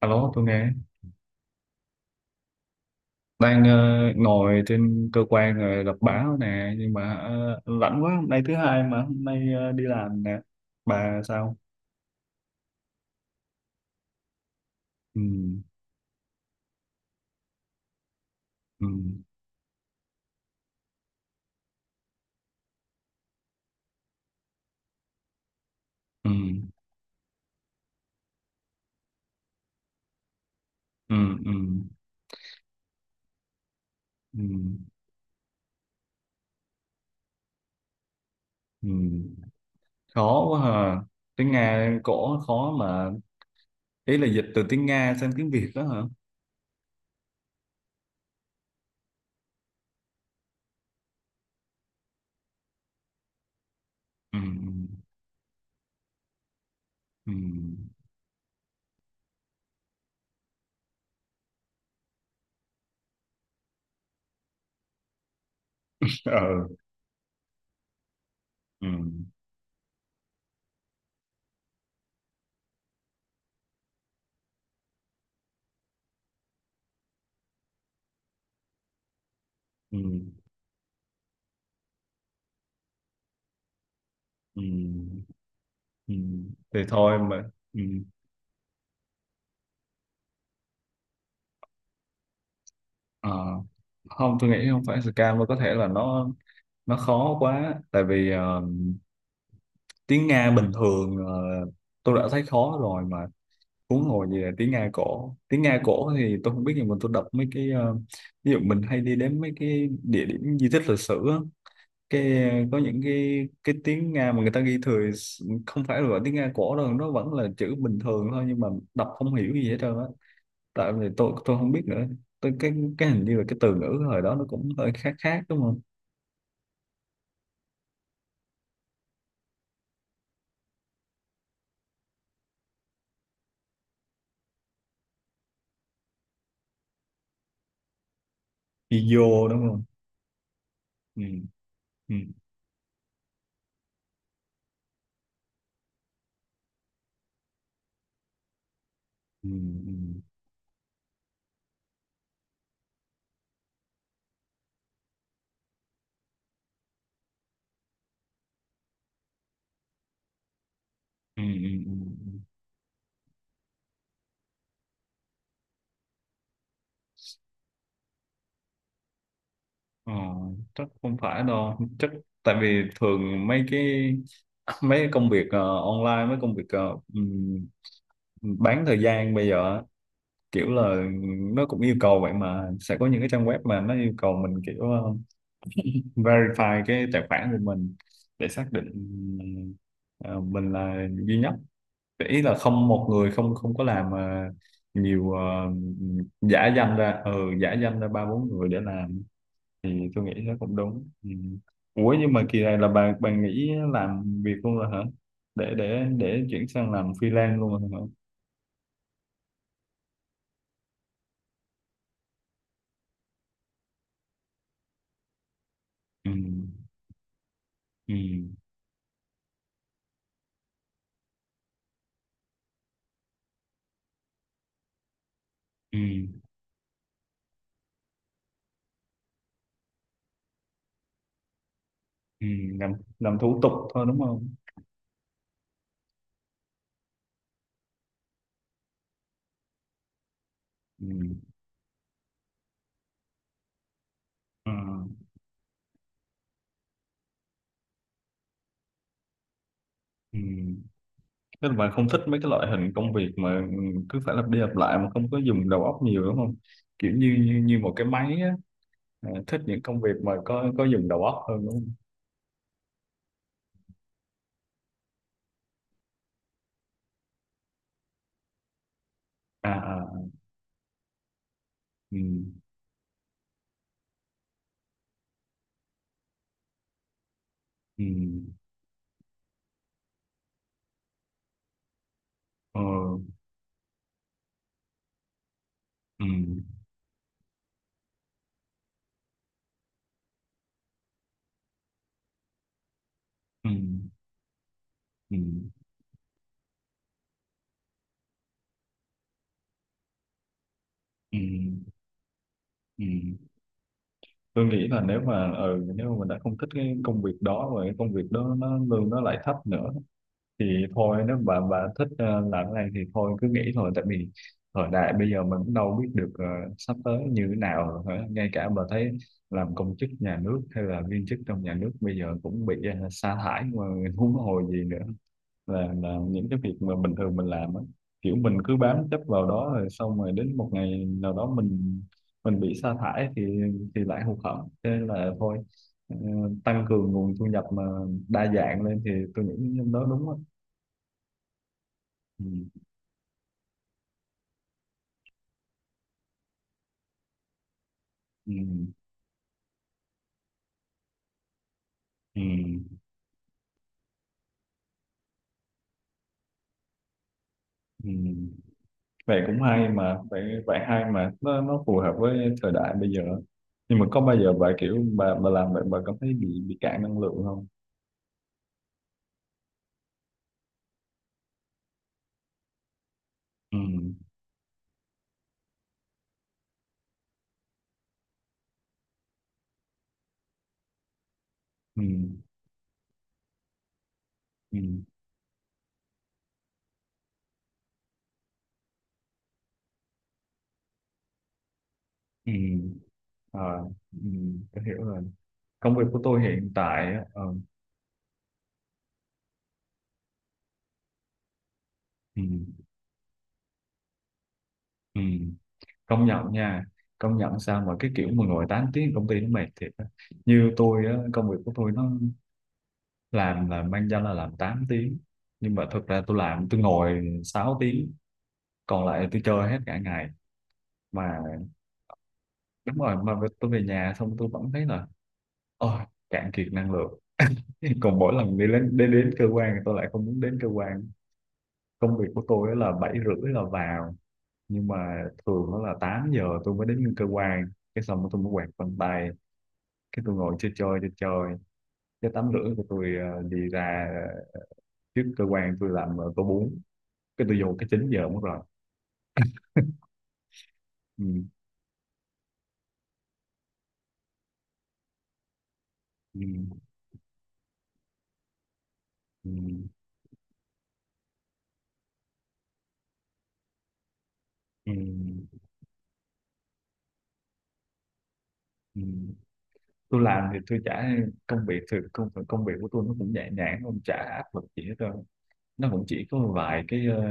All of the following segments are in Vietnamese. Alo, tôi nghe. Đang ngồi trên cơ quan rồi đọc báo nè, nhưng mà lạnh quá, hôm nay thứ hai mà hôm nay đi làm nè. Bà sao? Ừ, ừ, ừ, ừ, ừ, ừ, ừ. Khó quá hả? Tiếng Nga cổ khó mà. Ý là dịch từ tiếng Nga sang tiếng Việt đó hả? Ừ, ừ, ừ, Ờ, ừ, ừ, ừ, ừ. Thì thôi mà. Ừ. Ờ, không, tôi nghĩ không phải scam mà có thể là nó khó quá, tại vì tiếng Nga bình thường tôi đã thấy khó rồi mà, huống hồ gì là Tiếng Nga cổ thì tôi không biết, nhưng mà tôi đọc mấy cái, ví dụ mình hay đi đến mấy cái địa điểm di tích lịch sử á, cái có những cái tiếng Nga mà người ta ghi thừa, không phải là gọi tiếng Nga cổ đâu, nó vẫn là chữ bình thường thôi, nhưng mà đọc không hiểu gì hết trơn á, tại vì tôi không biết nữa. Tôi cái hình như là cái từ ngữ hồi đó nó cũng hơi khác khác, đúng không? Video đúng không? Ừ. Ừ. Ừ, ừ, ừ, ừ, ừ. Ờ, chắc không phải đâu, chắc tại vì thường mấy công việc online, mấy công việc bán thời gian bây giờ á, kiểu là nó cũng yêu cầu vậy, mà sẽ có những cái trang web mà nó yêu cầu mình kiểu verify cái tài khoản của mình, để xác định ờ, mình là duy nhất, để ý là không một người không không có làm nhiều, giả danh ra, ừ, giả danh ra ba bốn người để làm, thì tôi nghĩ nó cũng đúng. Ừ. Ủa nhưng mà kỳ này là bà nghĩ làm việc luôn rồi hả, để chuyển sang làm freelance luôn rồi hả? Ừ. Ừ. Ừ. Ừ. làm làm thủ tục thôi, đúng không? Ừ. Ừ. Ừ. Tức là bà không thích mấy cái loại hình công việc mà cứ phải lặp đi lặp lại mà không có dùng đầu óc nhiều, đúng không, kiểu như như, như một cái máy á, à, thích những công việc mà có dùng đầu óc hơn, đúng không? À, à. Ừ. Ừ. Ờ. Ừ. Ừ. Ừ, ừ, ừ. Tôi nghĩ là nếu mà mình đã không thích cái công việc đó và cái công việc đó nó lương nó lại thấp nữa, thì thôi, nếu bà thích làm cái này thì thôi cứ nghỉ thôi, tại vì thời đại bây giờ mình cũng đâu biết được sắp tới như thế nào rồi, hả? Ngay cả bà thấy làm công chức nhà nước hay là viên chức trong nhà nước bây giờ cũng bị sa thải mà, huống hồ gì nữa là những cái việc mà bình thường mình làm á, kiểu mình cứ bám chấp vào đó rồi xong rồi đến một ngày nào đó mình bị sa thải thì lại hụt hẫng, thế nên là thôi, ờ, tăng cường nguồn thu nhập mà đa dạng lên, thì tôi nghĩ đó đúng á. Ừ. Ừ. Ừ. Ừ. Vậy cũng hay mà, vậy vậy hay mà, nó phù hợp với thời đại bây giờ, nhưng mà có bao giờ bà kiểu bà làm vậy bà cảm thấy bị cạn năng lượng không? Ừ. Ừ. Ừ. Ừ. ừ. Ờ, ừ, tôi hiểu rồi. Công việc của tôi hiện tại á, ừ, ừ, công nhận nha, công nhận sao mà cái kiểu mà ngồi 8 tiếng công ty nó mệt thiệt á. Như tôi á, công việc của tôi nó làm là mang danh là làm 8 tiếng, nhưng mà thực ra tôi làm tôi ngồi 6 tiếng, còn lại tôi chơi hết cả ngày. Mà đúng rồi, mà tôi về nhà xong tôi vẫn thấy là ôi, cạn kiệt năng lượng. Còn mỗi lần đi đến cơ quan thì tôi lại không muốn đến cơ quan. Công việc của tôi á là 7:30 là vào, nhưng mà thường đó là 8 giờ tôi mới đến cơ quan, cái xong rồi tôi mới quạt vân tay, cái tôi ngồi chơi chơi chơi chơi, cái tắm rưỡi của tôi đi ra trước cơ quan, tôi làm tô bún, cái tôi vô cái 9 giờ mất rồi. Ừ, ừ, ừ, ừ, ừ. Tôi làm thì tôi chả, công việc thì công công việc của tôi nó cũng nhẹ nhàng, không chả áp lực gì hết trơn, nó cũng chỉ có vài cái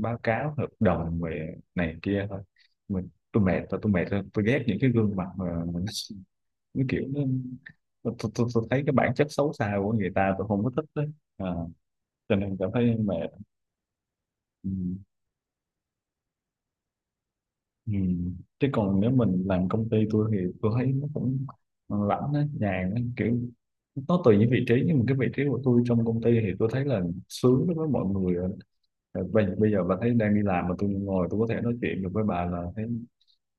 báo cáo hợp đồng về này kia thôi. Mình tôi mệt, tôi mệt rồi, tôi ghét những cái gương mặt mà cái kiểu nó, tôi thấy cái bản chất xấu xa của người ta, tôi không có thích đấy, à, cho nên cảm thấy mệt. Ừ. Ừ. Chứ còn nếu mình làm công ty tôi thì tôi thấy nó cũng lãnh đấy, nhàn đấy, kiểu nó tùy những vị trí, nhưng mà cái vị trí của tôi trong công ty thì tôi thấy là sướng đối với mọi người rồi. Ờ, bây, bây giờ bà thấy đang đi làm mà tôi ngồi tôi có thể nói chuyện được với bà là thấy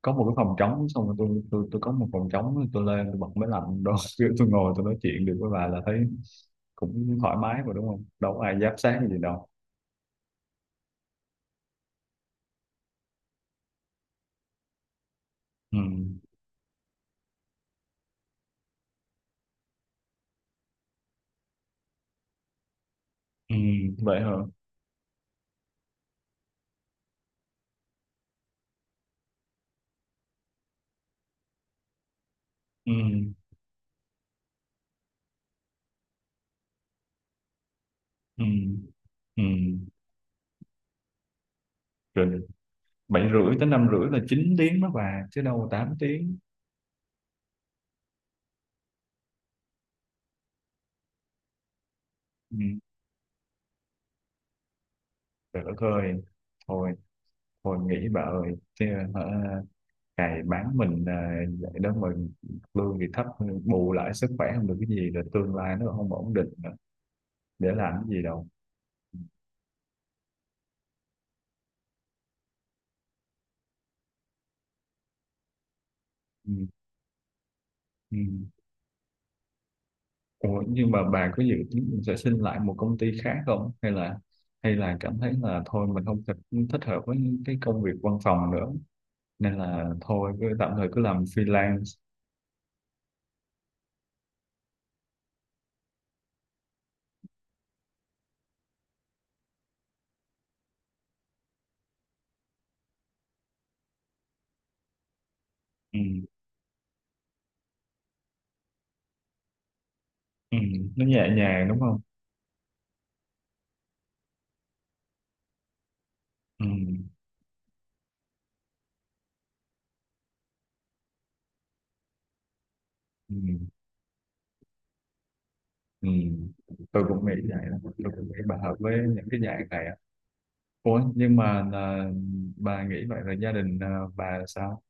có một cái phòng trống, xong rồi tôi có một phòng trống, tôi lên tôi bật máy lạnh đó tôi ngồi tôi nói chuyện được với bà là thấy cũng thoải mái mà, đúng không, đâu có ai giám sát gì đâu. Ừ. Ừ. Vậy hả? Ừ. Ừ. Ừ. Rồi, 7:30 tới 5:30 là 9 tiếng đó bà, chứ đâu là 8 tiếng. Ừ. Trời đất ơi, thôi, thôi nghỉ bà ơi chứ, hả, cày bán mình à, vậy đó mà lương thì thấp, bù lại sức khỏe không được cái gì, rồi tương lai nó không ổn định nữa. Để làm cái gì đâu. Ừ. Ừ. ừ. Ủa, nhưng mà bà có dự tính mình sẽ xin lại một công ty khác không, hay là cảm thấy là thôi mình không thích, thích hợp với cái công việc văn phòng nữa, nên là thôi cứ tạm thời cứ làm freelance. Ừ. Ừ. Nó nhẹ nhàng đúng không? Ừ. Ừ. Ừ. Tôi cũng nghĩ vậy đó. Tôi cũng nghĩ bà hợp với những cái dạng này á. Ủa nhưng mà là, bà nghĩ vậy là gia đình à, bà sao?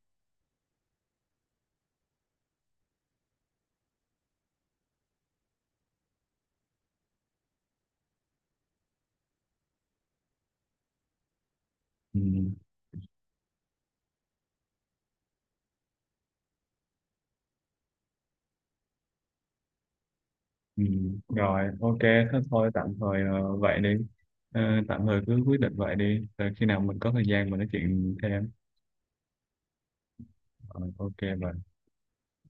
Ừ. Ừ, rồi, ok, thế thôi, tạm thời vậy đi. Ờ, tạm thời cứ quyết định vậy đi, rồi khi nào mình có thời gian mình nói chuyện thêm. Rồi, ok vậy